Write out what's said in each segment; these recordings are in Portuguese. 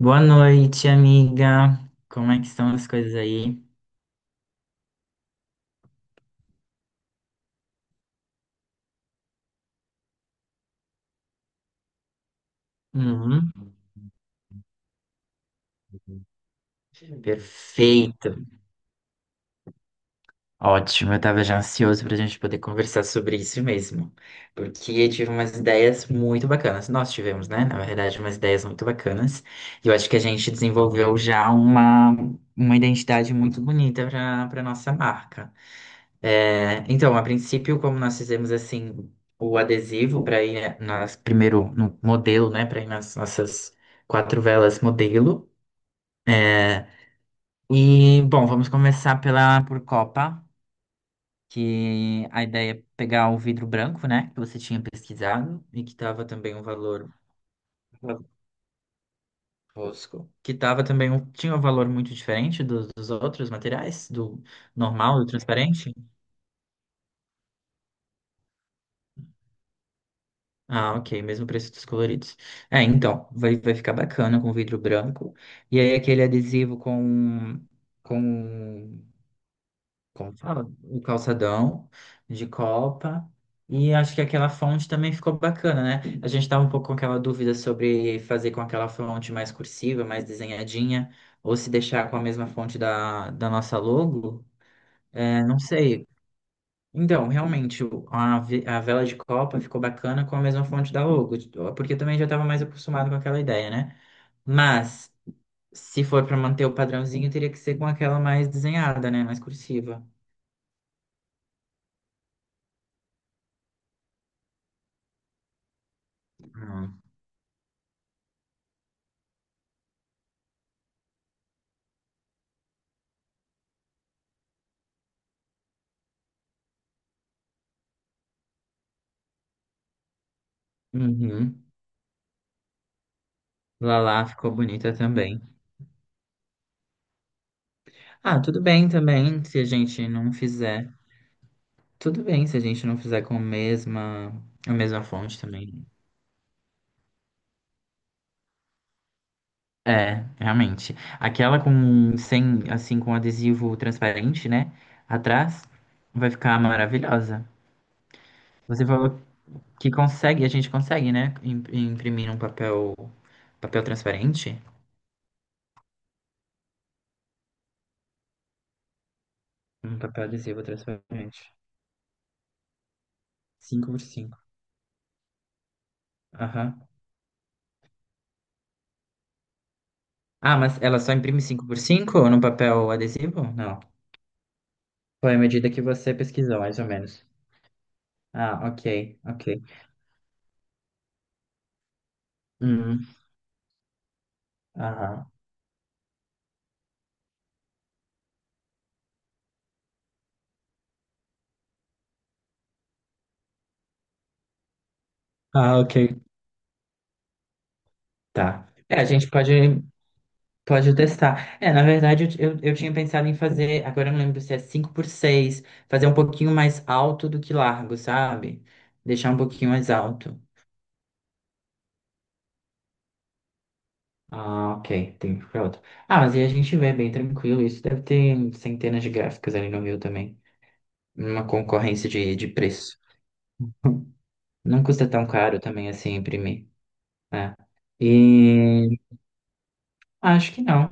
Boa noite, amiga. Como é que estão as coisas aí? Uhum. Perfeito. Ótimo, eu tava já ansioso pra gente poder conversar sobre isso mesmo. Porque eu tive umas ideias muito bacanas. Nós tivemos, né? Na verdade, umas ideias muito bacanas. E eu acho que a gente desenvolveu já uma identidade muito bonita para nossa marca. É, então, a princípio, como nós fizemos assim o adesivo para ir, né, nas primeiro no modelo, né, para ir nas nossas quatro velas modelo. É, e bom, vamos começar pela por Copa, que a ideia é pegar o vidro branco, né, que você tinha pesquisado e que tava também um valor fosco, que tava também um, tinha um valor muito diferente dos outros materiais, do normal, do transparente. Ah, ok, mesmo preço dos coloridos. É, então, vai ficar bacana com vidro branco. E aí aquele adesivo com, como fala? O calçadão de Copa. E acho que aquela fonte também ficou bacana, né? A gente tava um pouco com aquela dúvida sobre fazer com aquela fonte mais cursiva, mais desenhadinha, ou se deixar com a mesma fonte da nossa logo. É, não sei, então, realmente, a vela de Copa ficou bacana com a mesma fonte da logo, porque eu também já estava mais acostumado com aquela ideia, né? Mas, se for para manter o padrãozinho, teria que ser com aquela mais desenhada, né? Mais cursiva. Ah. Uhum. Lala ficou bonita também. Ah, tudo bem também se a gente não fizer. Tudo bem se a gente não fizer com a mesma fonte também. É, realmente. Aquela com sem, assim, com adesivo transparente, né? Atrás, vai ficar maravilhosa. Você falou que consegue, a gente consegue, né? Imprimir um papel, papel transparente? Um papel adesivo transparente. Cinco por 5. Aham. Ah, mas ela só imprime cinco por 5 no papel adesivo? Não. Foi a medida que você pesquisou, mais ou menos. Ah, ok, ok. Hum, aham. Ah, ok. Tá. É, a gente pode. Pode testar. É, na verdade, eu tinha pensado em fazer, agora eu não lembro se é 5 por 6. Fazer um pouquinho mais alto do que largo, sabe? Deixar um pouquinho mais alto. Ah, ok, tem que ficar outro. Ah, mas aí a gente vê bem tranquilo, isso deve ter centenas de gráficos ali no meu também. Uma concorrência de preço. Não custa tão caro também assim imprimir, né? E acho que não.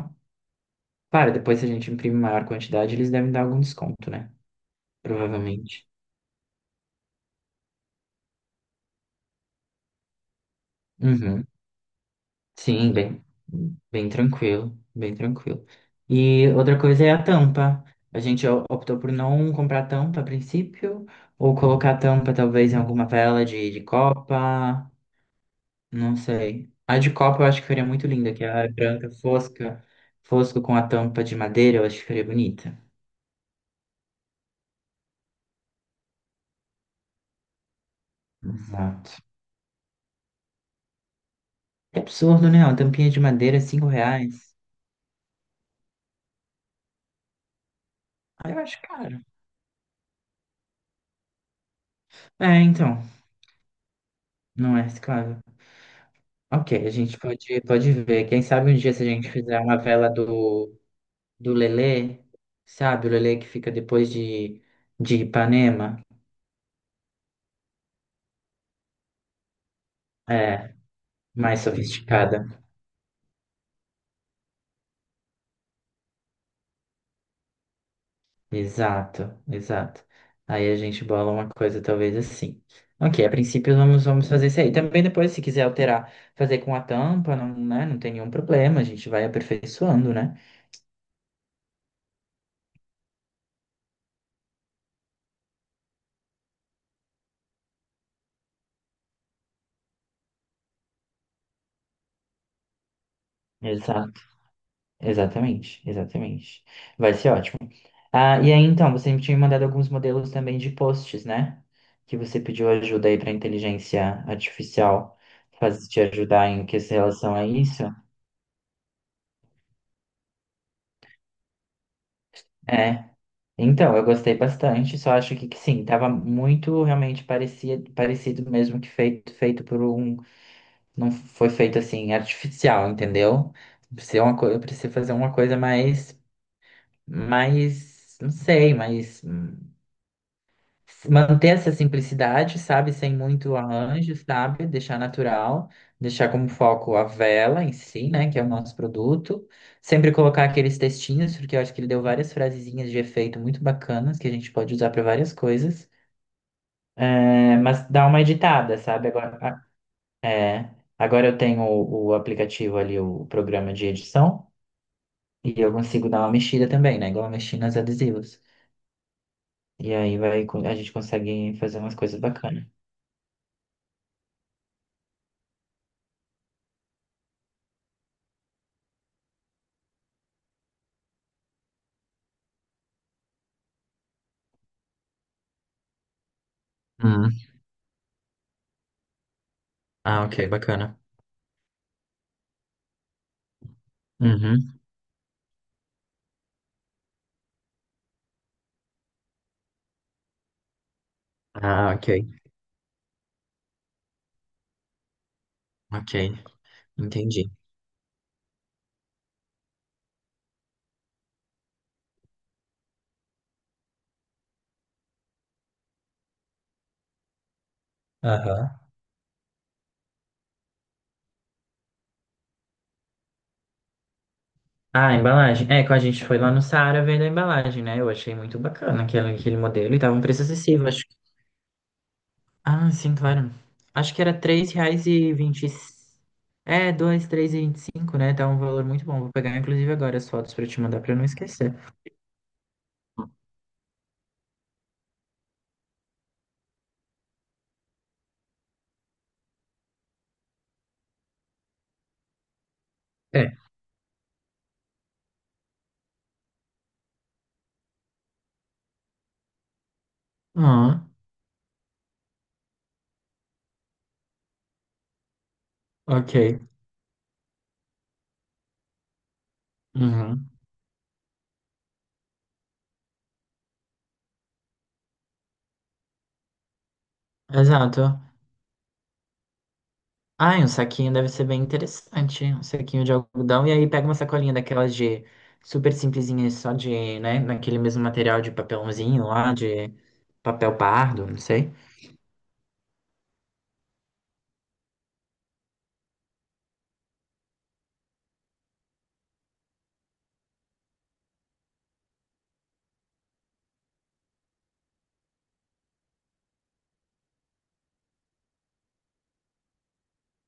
Para depois se a gente imprimir maior quantidade, eles devem dar algum desconto, né? Provavelmente. Uhum. Sim, bem tranquilo, bem tranquilo. E outra coisa é a tampa. A gente optou por não comprar tampa a princípio, ou colocar tampa talvez em alguma vela de Copa, não sei. A de Copa eu acho que ficaria muito linda, que é a branca fosca, fosco com a tampa de madeira, eu acho que ficaria bonita. Exato. É absurdo, né? Uma tampinha de madeira, R$ 5. Ah, eu acho caro. É, então, não é, claro. Ok, a gente pode ver. Quem sabe um dia se a gente fizer uma vela do, do Lelê, sabe? O Lelê que fica depois de Ipanema. É, mais sofisticada. Exato, exato. Aí a gente bola uma coisa talvez assim. Ok, a princípio vamos fazer isso aí. Também depois, se quiser alterar, fazer com a tampa, não, né, não tem nenhum problema. A gente vai aperfeiçoando, né? Exato, exatamente, exatamente. Vai ser ótimo. Ah, e aí então, você me tinha mandado alguns modelos também de posts, né? Que você pediu ajuda aí para inteligência artificial fazer te ajudar em que se relação a isso. É. Então, eu gostei bastante, só acho que sim, tava muito realmente parecia, parecido mesmo que feito, feito por um. Não foi feito assim, artificial, entendeu? Precisa uma, eu preciso fazer uma coisa mais, mais, não sei, mais. Manter essa simplicidade, sabe? Sem muito arranjo, sabe? Deixar natural, deixar como foco a vela em si, né? Que é o nosso produto. Sempre colocar aqueles textinhos, porque eu acho que ele deu várias frasezinhas de efeito muito bacanas que a gente pode usar para várias coisas. É, mas dá uma editada, sabe? Agora, é, agora eu tenho o aplicativo ali, o programa de edição, e eu consigo dar uma mexida também, né? Igual eu mexi nos adesivos. E aí vai, a gente consegue fazer umas coisas bacanas. Ah, ok, bacana. Uhum. Ah, ok, ok, entendi. Aham. Ah, a embalagem. É, quando a gente foi lá no Saara vendo a embalagem, né? Eu achei muito bacana aquele modelo e tava um preço acessível, acho que. Ah, sim, claro. Acho que era R$ 3,20. É, dois, 3,25, né? Tá um valor muito bom. Vou pegar, inclusive, agora as fotos pra te mandar pra eu não esquecer. É. Ah, ok. Uhum. Exato. Ai, um saquinho deve ser bem interessante, hein? Um saquinho de algodão, e aí pega uma sacolinha daquelas de super simplesinha, só de, né, naquele mesmo material de papelãozinho lá, de papel pardo, não sei.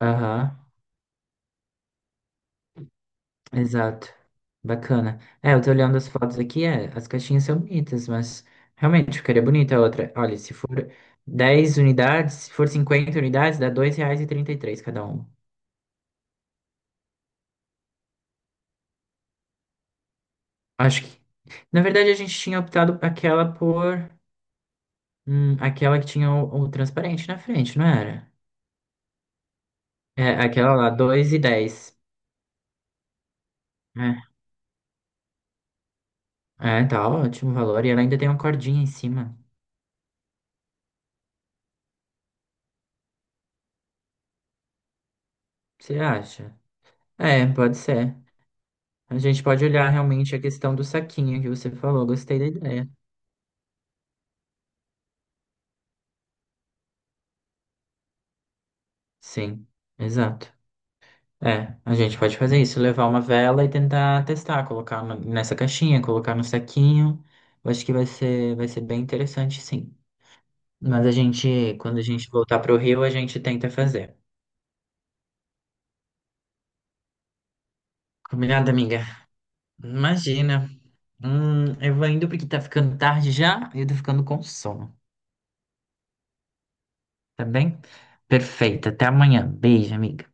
Aham, exato. Bacana. É, eu tô olhando as fotos aqui, é, as caixinhas são bonitas, mas realmente ficaria bonita a outra. Olha, se for 10 unidades, se for 50 unidades, dá R$ 2,33 cada uma. Acho que, na verdade, a gente tinha optado aquela por aquela que tinha o transparente na frente, não era? É, aquela lá, 2,10. É, é, tá ótimo o valor. E ela ainda tem uma cordinha em cima. Você acha? É, pode ser. A gente pode olhar realmente a questão do saquinho que você falou. Gostei da ideia. Sim, exato. É, a gente pode fazer isso, levar uma vela e tentar testar, colocar nessa caixinha, colocar no saquinho. Eu acho que vai ser bem interessante, sim. Mas a gente, quando a gente voltar pro Rio, a gente tenta fazer. Combinado, amiga? Imagina. Eu vou indo porque tá ficando tarde já e eu tô ficando com sono, tá bem? Perfeito. Até amanhã. Beijo, amiga.